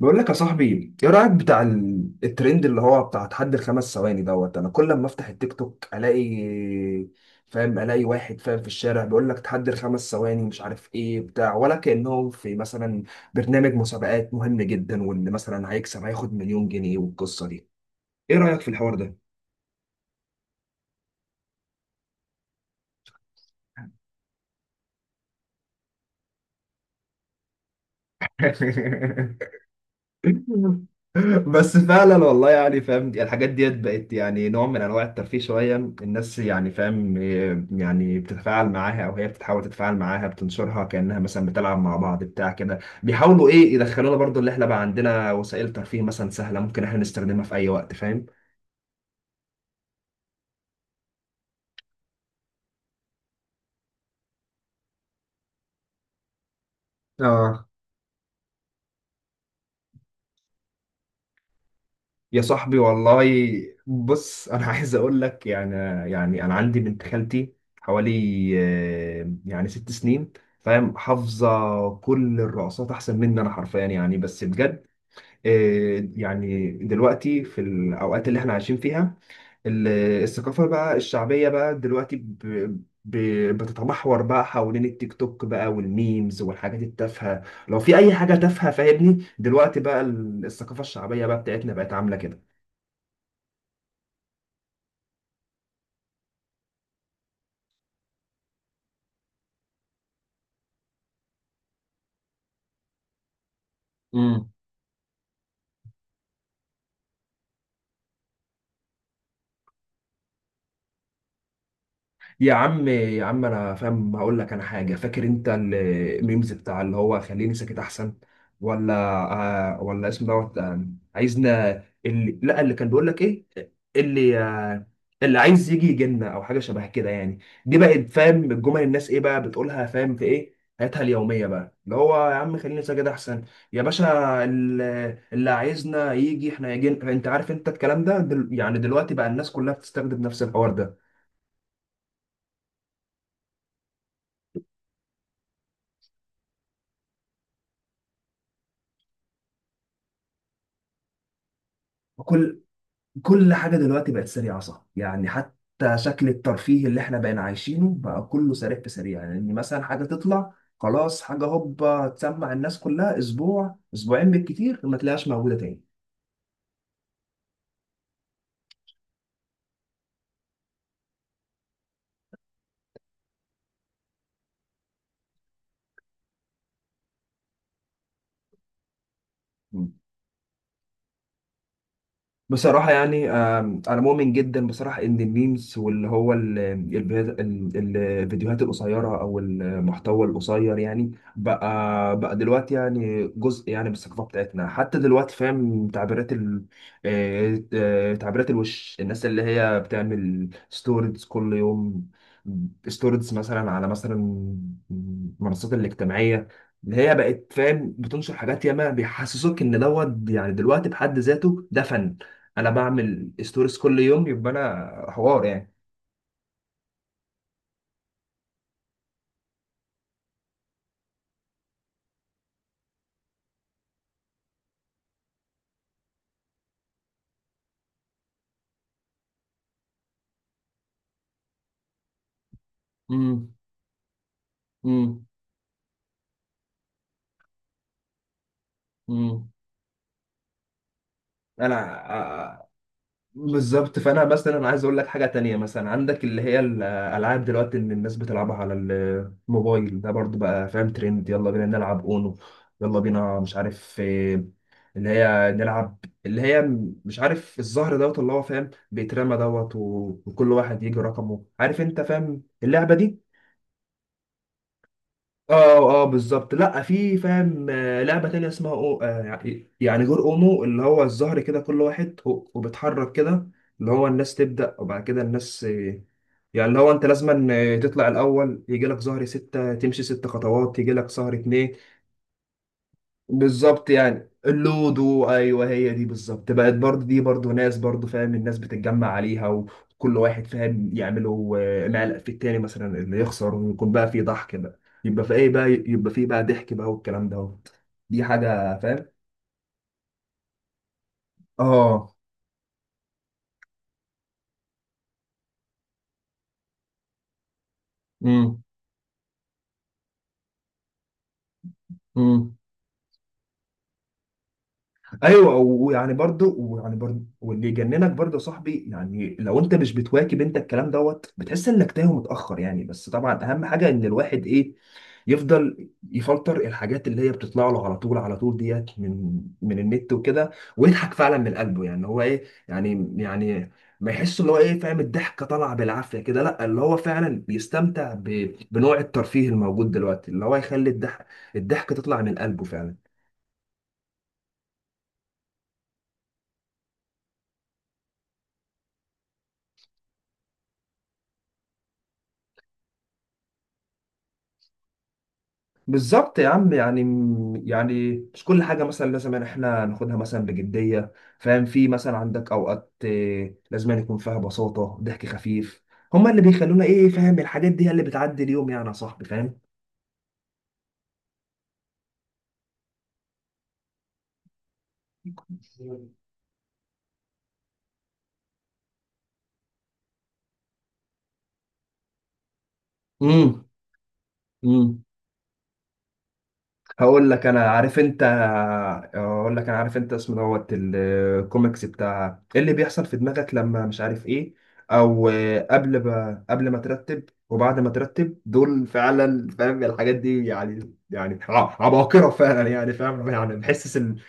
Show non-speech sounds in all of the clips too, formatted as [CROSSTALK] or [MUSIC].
بقول لك يا صاحبي ايه رايك بتاع الترند اللي هو بتاع تحدي الخمس ثواني، انا كل ما افتح التيك توك الاقي فاهم، الاقي واحد فاهم في الشارع بيقول لك تحدي الخمس ثواني مش عارف ايه بتاع، ولا كانهم في مثلا برنامج مسابقات مهم جدا، وان مثلا هيكسب هياخد مليون جنيه والقصه دي. ايه رايك في الحوار ده؟ [LAUGHS] بس فعلا والله، يعني فاهم الحاجات ديت بقت يعني نوع من انواع الترفيه شويه، الناس يعني فاهم إيه، يعني بتتفاعل معاها او هي بتحاول تتفاعل معاها، بتنشرها كانها مثلا بتلعب مع بعض بتاع كده، بيحاولوا ايه يدخلونا برضو اللي احنا بقى عندنا وسائل ترفيه مثلا سهله ممكن احنا نستخدمها في اي وقت فاهم. اه يا صاحبي والله. بص انا [LAUGHS] عايز اقول لك يعني، يعني انا عندي بنت خالتي حوالي يعني 6 سنين، فاهم حافظه كل الرقصات احسن مني انا حرفيا، يعني بس بجد. يعني دلوقتي في الاوقات اللي احنا عايشين فيها ال- الثقافه بقى الشعبيه بقى دلوقتي بتتمحور بقى حوالين التيك توك بقى والميمز والحاجات التافهه، لو في اي حاجه تافهه فاهمني، دلوقتي بقى الثقافه الشعبيه بقى بتاعتنا بقت عامله كده. امم. يا عم انا فاهم هقول لك انا حاجه، فاكر انت الميمز بتاع اللي هو خليني ساكت احسن، ولا آه، ولا اسم آه، عايزنا اللي لا اللي كان بيقول لك ايه، اللي آه اللي عايز يجي يجينا او حاجه شبه كده يعني، دي بقت فاهم الجمل الناس ايه بقى بتقولها، فاهم في ايه حياتها اليوميه بقى، اللي هو يا عم خليني ساكت احسن يا باشا، ال- اللي عايزنا يجي احنا يجي، انت عارف انت الكلام ده يعني دلوقتي بقى الناس كلها بتستخدم نفس الحوار ده. كل كل حاجة دلوقتي بقت سريعة صح، يعني حتى شكل الترفيه اللي احنا بقينا عايشينه بقى كله سريع في سريع، يعني ان مثلا حاجة تطلع خلاص حاجة هوبا تسمع الناس كلها، اسبوع اسبوعين بالكتير ما تلاقيهاش موجودة تاني. بصراحة يعني أنا مؤمن جدا بصراحة إن الميمز واللي هو الفيديوهات القصيرة أو المحتوى القصير، يعني بقى دلوقتي يعني جزء يعني من الثقافة بتاعتنا حتى دلوقتي، فاهم تعبيرات ال تعبيرات الوش، الناس اللي هي بتعمل ستوريز كل يوم، ستوريز مثلا على مثلا المنصات الاجتماعية اللي هي بقت فاهم بتنشر حاجات ياما بيحسسوك إن يعني دلوقتي بحد ذاته ده فن، انا بعمل ستوريز كل يوم يبقى انا حوار يعني. امم امم امم. انا آه، بالظبط. فانا مثلا انا عايز اقول لك حاجه تانية، مثلا عندك اللي هي الالعاب دلوقتي اللي الناس بتلعبها على الموبايل ده برضو بقى فاهم ترند، يلا بينا نلعب اونو، يلا بينا مش عارف اللي هي نلعب اللي هي مش عارف الزهر، اللي هو فاهم بيترمى، وكل واحد يجي رقمه، عارف انت فاهم اللعبه دي. اه اه بالظبط، لا في فاهم لعبه تانية اسمها أو يعني يعني جور اونو، اللي هو الزهر كده كل واحد وبيتحرك كده، اللي هو الناس تبدا وبعد كده الناس يعني اللي هو انت لازما تطلع الاول، يجي لك زهر 6 تمشي 6 خطوات، يجي لك زهر 2. بالظبط يعني اللودو ايوه هي دي بالظبط بقت برضه، دي برضه ناس برضه فاهم الناس بتتجمع عليها وكل واحد فاهم يعملوا معلق في التاني مثلا اللي يخسر، ويكون بقى في ضحك بقى، يبقى في ايه بقى، يبقى في بقى ضحك بقى والكلام ده، دي حاجه فاهم. اه. امم. ايوه ويعني برضو واللي يجننك برضو يا صاحبي، يعني لو انت مش بتواكب انت الكلام بتحس انك تايه متاخر يعني، بس طبعا اهم حاجه ان الواحد ايه يفضل يفلتر الحاجات اللي هي بتطلع له على طول، ديت من النت وكده، ويضحك فعلا من قلبه، يعني هو ايه يعني يعني ما يحس اللي هو ايه فاهم الضحكه طالعه بالعافيه كده، لا اللي هو فعلا بيستمتع بنوع الترفيه الموجود دلوقتي اللي هو يخلي الضحك تطلع من قلبه فعلا. بالظبط يا عم، يعني يعني مش كل حاجة مثلا لازم إن احنا ناخدها مثلا بجدية، فاهم في مثلا عندك أوقات لازم أن يكون فيها بساطة ضحك خفيف، هما اللي بيخلونا إيه فاهم الحاجات دي هي اللي بتعدي اليوم يعني يا صاحبي فاهم. [LAUGHS] امم. امم. هقول لك انا عارف انت هقول لك انا عارف انت اسمه الكوميكس بتاع إيه اللي بيحصل في دماغك لما مش عارف ايه، او قبل ما ترتب وبعد ما ترتب، دول فعلا فاهم الحاجات دي يعني يعني عباقرة فعلا يعني فاهم، يعني بحس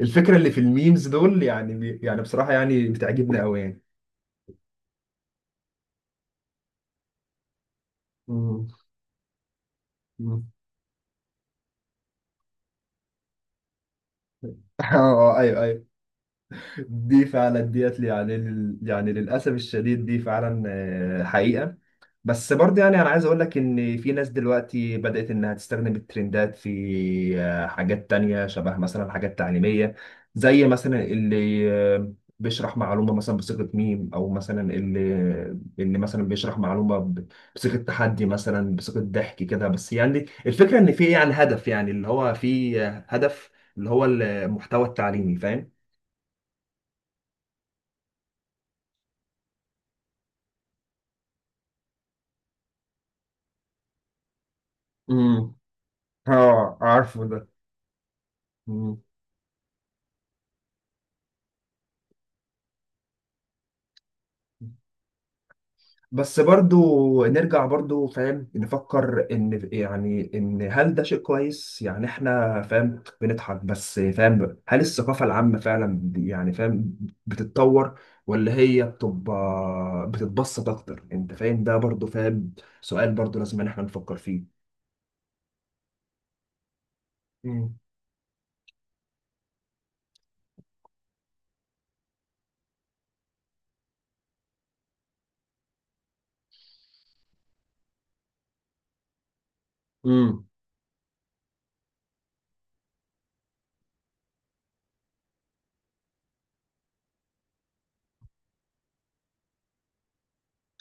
الفكرة اللي في الميمز دول يعني يعني بصراحة يعني بتعجبني قوي يعني. مم. مم. [LAUGHS] اه ايوه ايوه، دي فعلا ديت لي يعني يعني للاسف الشديد دي فعلا حقيقة. بس برضه يعني انا عايز اقول لك ان في ناس دلوقتي بدأت انها تستخدم الترندات في حاجات تانية شبه مثلا حاجات تعليمية، زي مثلا اللي بيشرح معلومة مثلا بصيغة ميم، او مثلا اللي اللي مثلا بيشرح معلومة بصيغة تحدي مثلا، بصيغة ضحك كده، بس يعني الفكرة ان في يعني هدف، يعني اللي هو في هدف، اللي هو المحتوى التعليمي فاهم؟ امم. اه عارفه ده. مم. بس برضو نرجع برضو فاهم نفكر ان يعني ان هل ده شيء كويس، يعني احنا فاهم بنضحك بس فاهم، هل الثقافة العامة فعلا يعني فاهم بتتطور ولا هي بتبقى بتتبسط اكتر، انت فاهم ده برضو فاهم، سؤال برضو لازم ان احنا نفكر فيه. مم.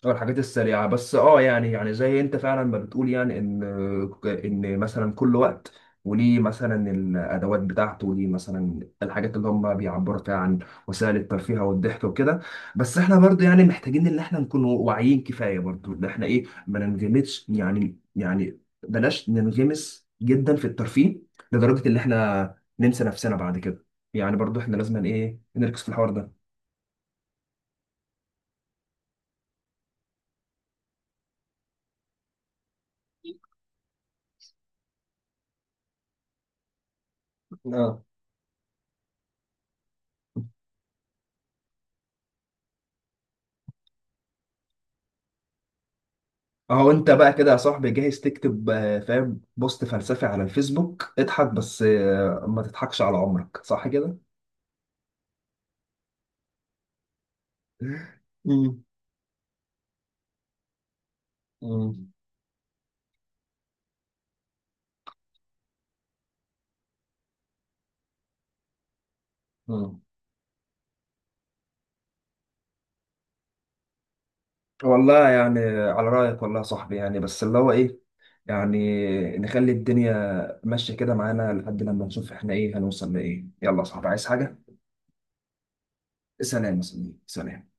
أو الحاجات السريعة بس اه يعني يعني زي انت فعلا ما بتقول، يعني ان ان مثلا كل وقت وليه مثلا الادوات بتاعته وليه مثلا الحاجات اللي هم بيعبروا فيها عن وسائل الترفيه والضحك وكده، بس احنا برضو يعني محتاجين ان احنا نكون واعيين كفاية برضو ان احنا ايه ما ننغمسش، يعني يعني بلاش ننغمس جدا في الترفيه لدرجة ان احنا ننسى نفسنا بعد كده، يعني برضو احنا لازم ايه نركز في الحوار ده. اهو انت بقى كده يا صاحبي جاهز تكتب فاهم بوست فلسفي على الفيسبوك، اضحك بس ما تضحكش على عمرك صح كده. [LAUGHS] مم. مم. مم. والله يعني على رأيك والله يا صاحبي، يعني بس اللي هو ايه يعني نخلي الدنيا ماشية كده معانا لحد لما نشوف احنا ايه هنوصل لايه، يلا يا صاحبي عايز حاجة؟ سلام يا صاحبي سلام.